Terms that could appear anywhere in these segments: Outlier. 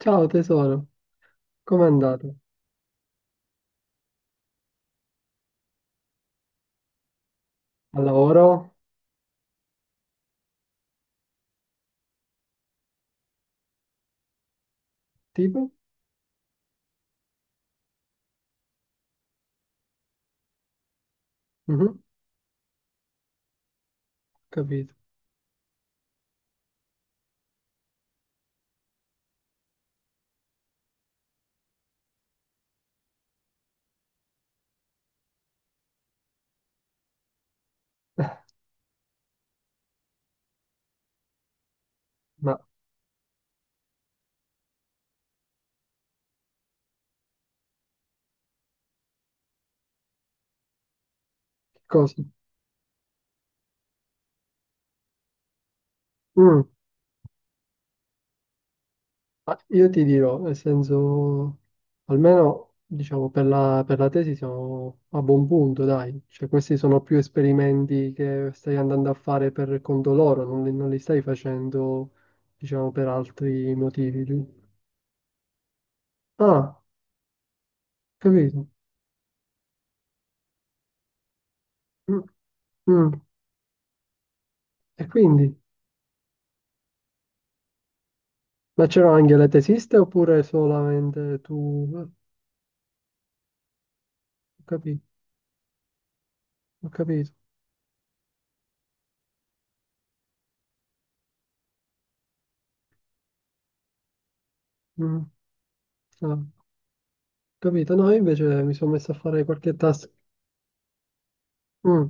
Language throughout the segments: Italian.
Ciao tesoro, com'è andato? Al lavoro? Tipo? Mhm, capito. Ma che cosa? Mm, ma io ti dirò, nel senso, almeno diciamo per la tesi siamo a buon punto, dai. Cioè, questi sono più esperimenti che stai andando a fare per conto loro, non li stai facendo, diciamo, per altri motivi. Ah, capito. Mm, mm. E quindi? Ma c'erano anche le tesiste oppure solamente tu? Ho capito. Ho capito. Mm. Ah, ho capito. No, io invece mi sono messo a fare qualche task. Mm.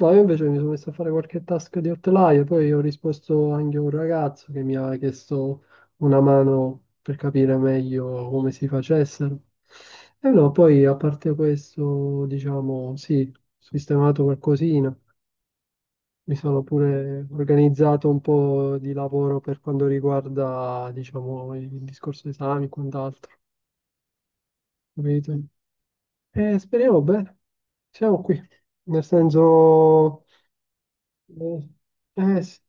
No, io invece mi sono messo a fare qualche task di Outlier, poi ho risposto anche a un ragazzo che mi aveva chiesto una mano per capire meglio come si facessero. E no, poi a parte questo, diciamo, sì, ho sistemato qualcosina. Mi sono pure organizzato un po' di lavoro per quanto riguarda, diciamo, il discorso esami e quant'altro, capito? Speriamo bene, siamo qui, nel senso, eh, sì.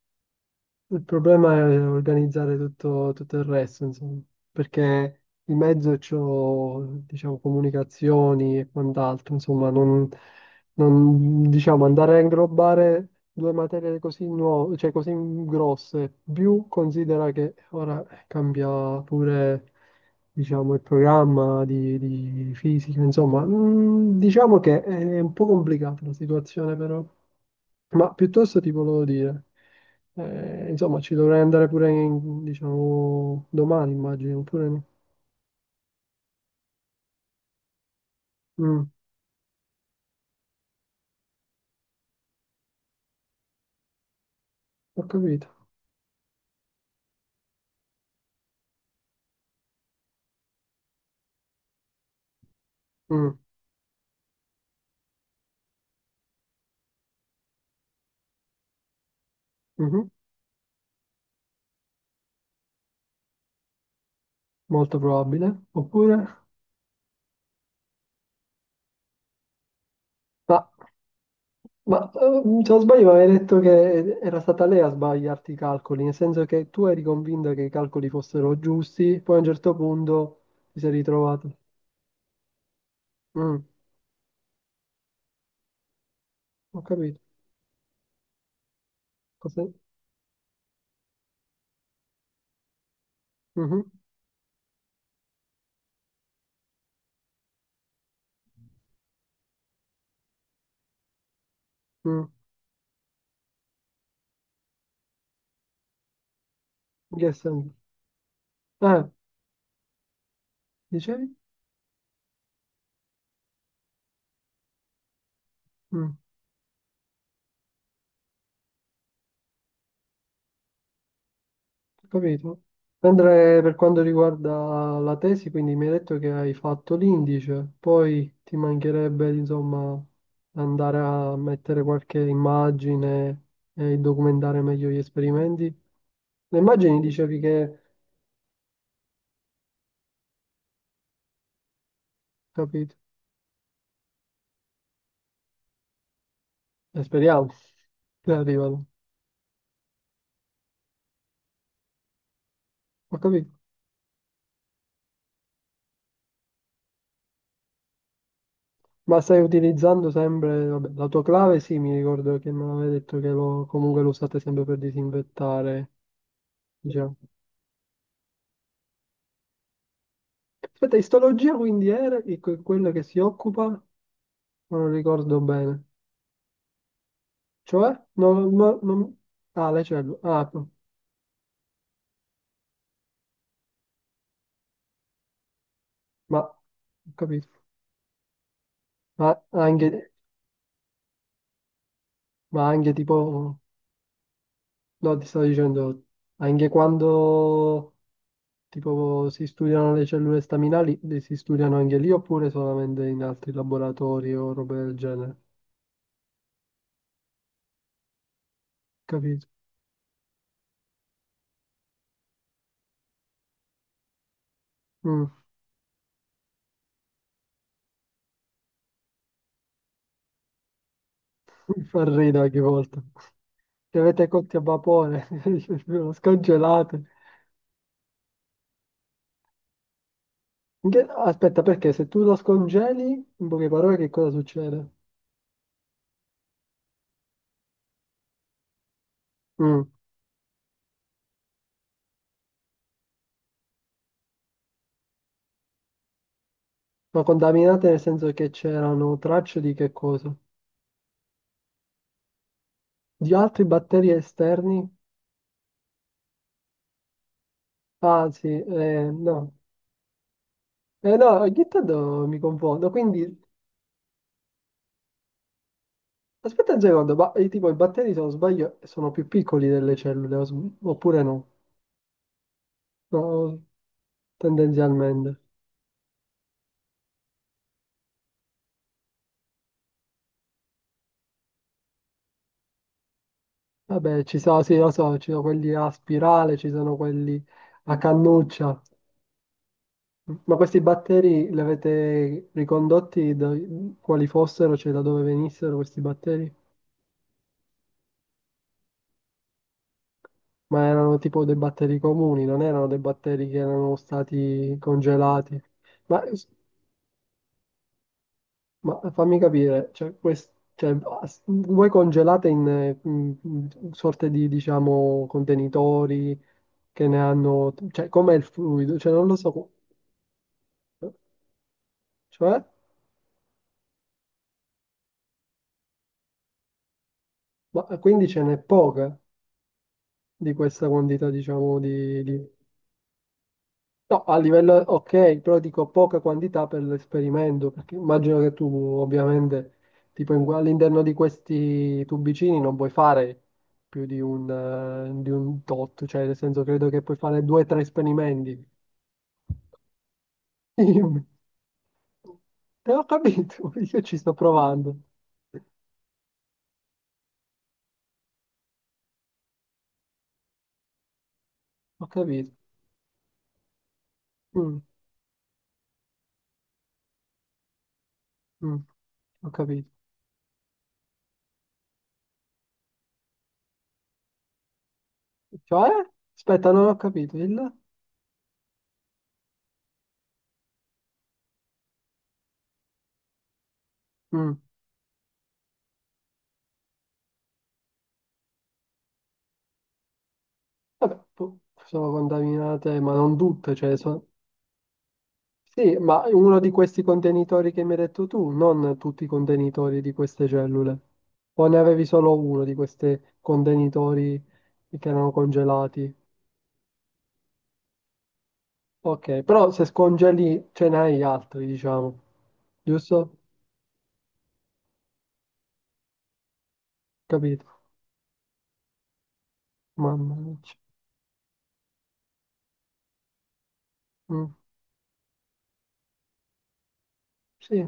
Il problema è organizzare tutto, tutto il resto, insomma, perché in mezzo c'ho, diciamo, comunicazioni e quant'altro, insomma, non, diciamo, andare a inglobare due materie così nuove, cioè così grosse, più considera che ora cambia pure, diciamo, il programma di fisica, insomma, diciamo che è un po' complicata la situazione, però. Ma piuttosto ti volevo dire, insomma, ci dovrei andare pure diciamo, domani, immagino, oppure no? Mm, ho capito. Mm, mhm, molto probabile. Oppure? Ma, ma, se non sbaglio mi avevi detto che era stata lei a sbagliarti i calcoli, nel senso che tu eri convinta che i calcoli fossero giusti, poi a un certo punto ti sei ritrovato. Mm, ho capito. Cos'è? Mhm, mm, in che senso? Eh, dicevi? Mm. Capito? Mentre per quanto riguarda la tesi, quindi mi hai detto che hai fatto l'indice, poi ti mancherebbe, insomma, andare a mettere qualche immagine e documentare meglio gli esperimenti. Le immagini dicevi che, capito? Speriamo che arrivano. Ho capito. Ma stai utilizzando sempre, vabbè, la tua clave, sì, mi ricordo che me l'avevi detto comunque lo usate sempre per disinfettare, diciamo. Aspetta, istologia quindi era di quella che si occupa, ma non ricordo bene. Cioè, non- Ah, le cellule. Ma, ho capito. Ma anche, ma anche tipo, no, ti stavo dicendo, anche quando tipo si studiano le cellule staminali, le si studiano anche lì oppure solamente in altri laboratori o robe del genere. Capito? Mm, mi fa ridere ogni volta. Che avete cotti a vapore, lo scongelate. Aspetta, perché se tu lo scongeli, in poche parole, che cosa succede? Mm. Ma contaminate nel senso che c'erano tracce di che cosa? Di altri batteri esterni? Ah, sì, no. No, ogni tanto mi confondo. Quindi, aspetta un secondo, tipo i batteri, se non sbaglio, sono più piccoli delle cellule, oppure no? No, tendenzialmente. Vabbè, ci sono, sì, lo so, ci sono quelli a spirale, ci sono quelli a cannuccia. Ma questi batteri li avete ricondotti da quali fossero, cioè da dove venissero questi batteri? Ma erano tipo dei batteri comuni, non erano dei batteri che erano stati congelati. Ma, ma fammi capire, cioè, voi congelate in, in sorte di, diciamo, contenitori che ne hanno... Cioè, com'è il fluido? Cioè, non lo so. Cioè, ma quindi ce n'è poca di questa quantità, diciamo, di... No, a livello, ok, però dico poca quantità per l'esperimento, perché immagino che tu ovviamente, tipo all'interno di questi tubicini non puoi fare più di un tot, cioè nel senso credo che puoi fare due o tre esperimenti. Te ho capito, io ci sto provando. Ho capito. Mm, mm, ho capito. Cioè? Aspetta, non ho capito. Il... Mm. Vabbè, sono contaminate, ma non tutte, sì, ma uno di questi contenitori che mi hai detto tu, non tutti i contenitori di queste cellule. O ne avevi solo uno di questi contenitori che erano congelati? Ok, però se scongeli ce n'hai altri, diciamo. Giusto? Capito? Mamma mia. Mm, sì.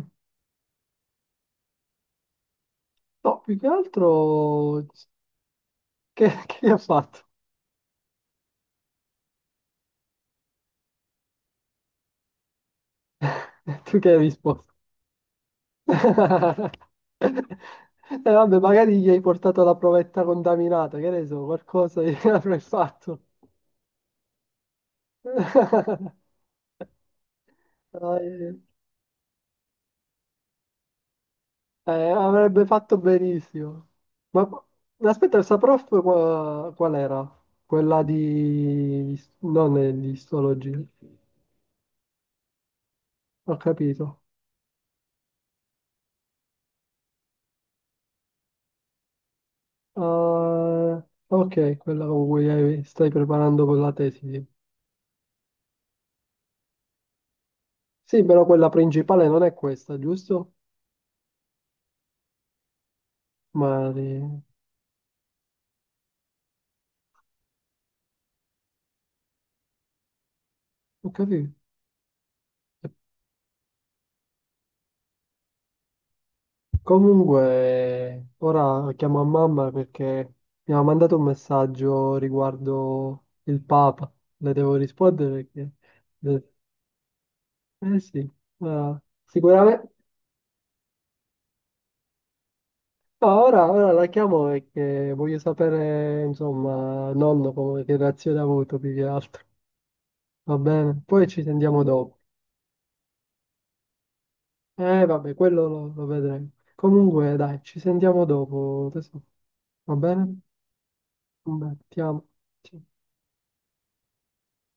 No, più che altro... Che, che gli ha fatto? Tu che hai risposto? E vabbè, magari gli hai portato la provetta contaminata, che ne so, qualcosa gli avrai fatto. Eh, avrebbe fatto benissimo. Ma ma aspetta, questa prof qual era? Quella di... non è di istologia. Ho capito. Ah, ok, quella con cui stai preparando con la tesi. Sì, però quella principale non è questa, giusto? Mari. Ho capito. Comunque, ora chiamo a mamma perché mi ha mandato un messaggio riguardo il Papa. Le devo rispondere perché... Eh sì, ma sicuramente... No, ora la chiamo perché voglio sapere, insomma, nonno come, che reazione ha avuto più che altro. Va bene? Poi ci sentiamo dopo. Vabbè, quello lo vedremo. Comunque, dai, ci sentiamo dopo. Tesoro. Va bene? Va bene, ti amo. Ciao.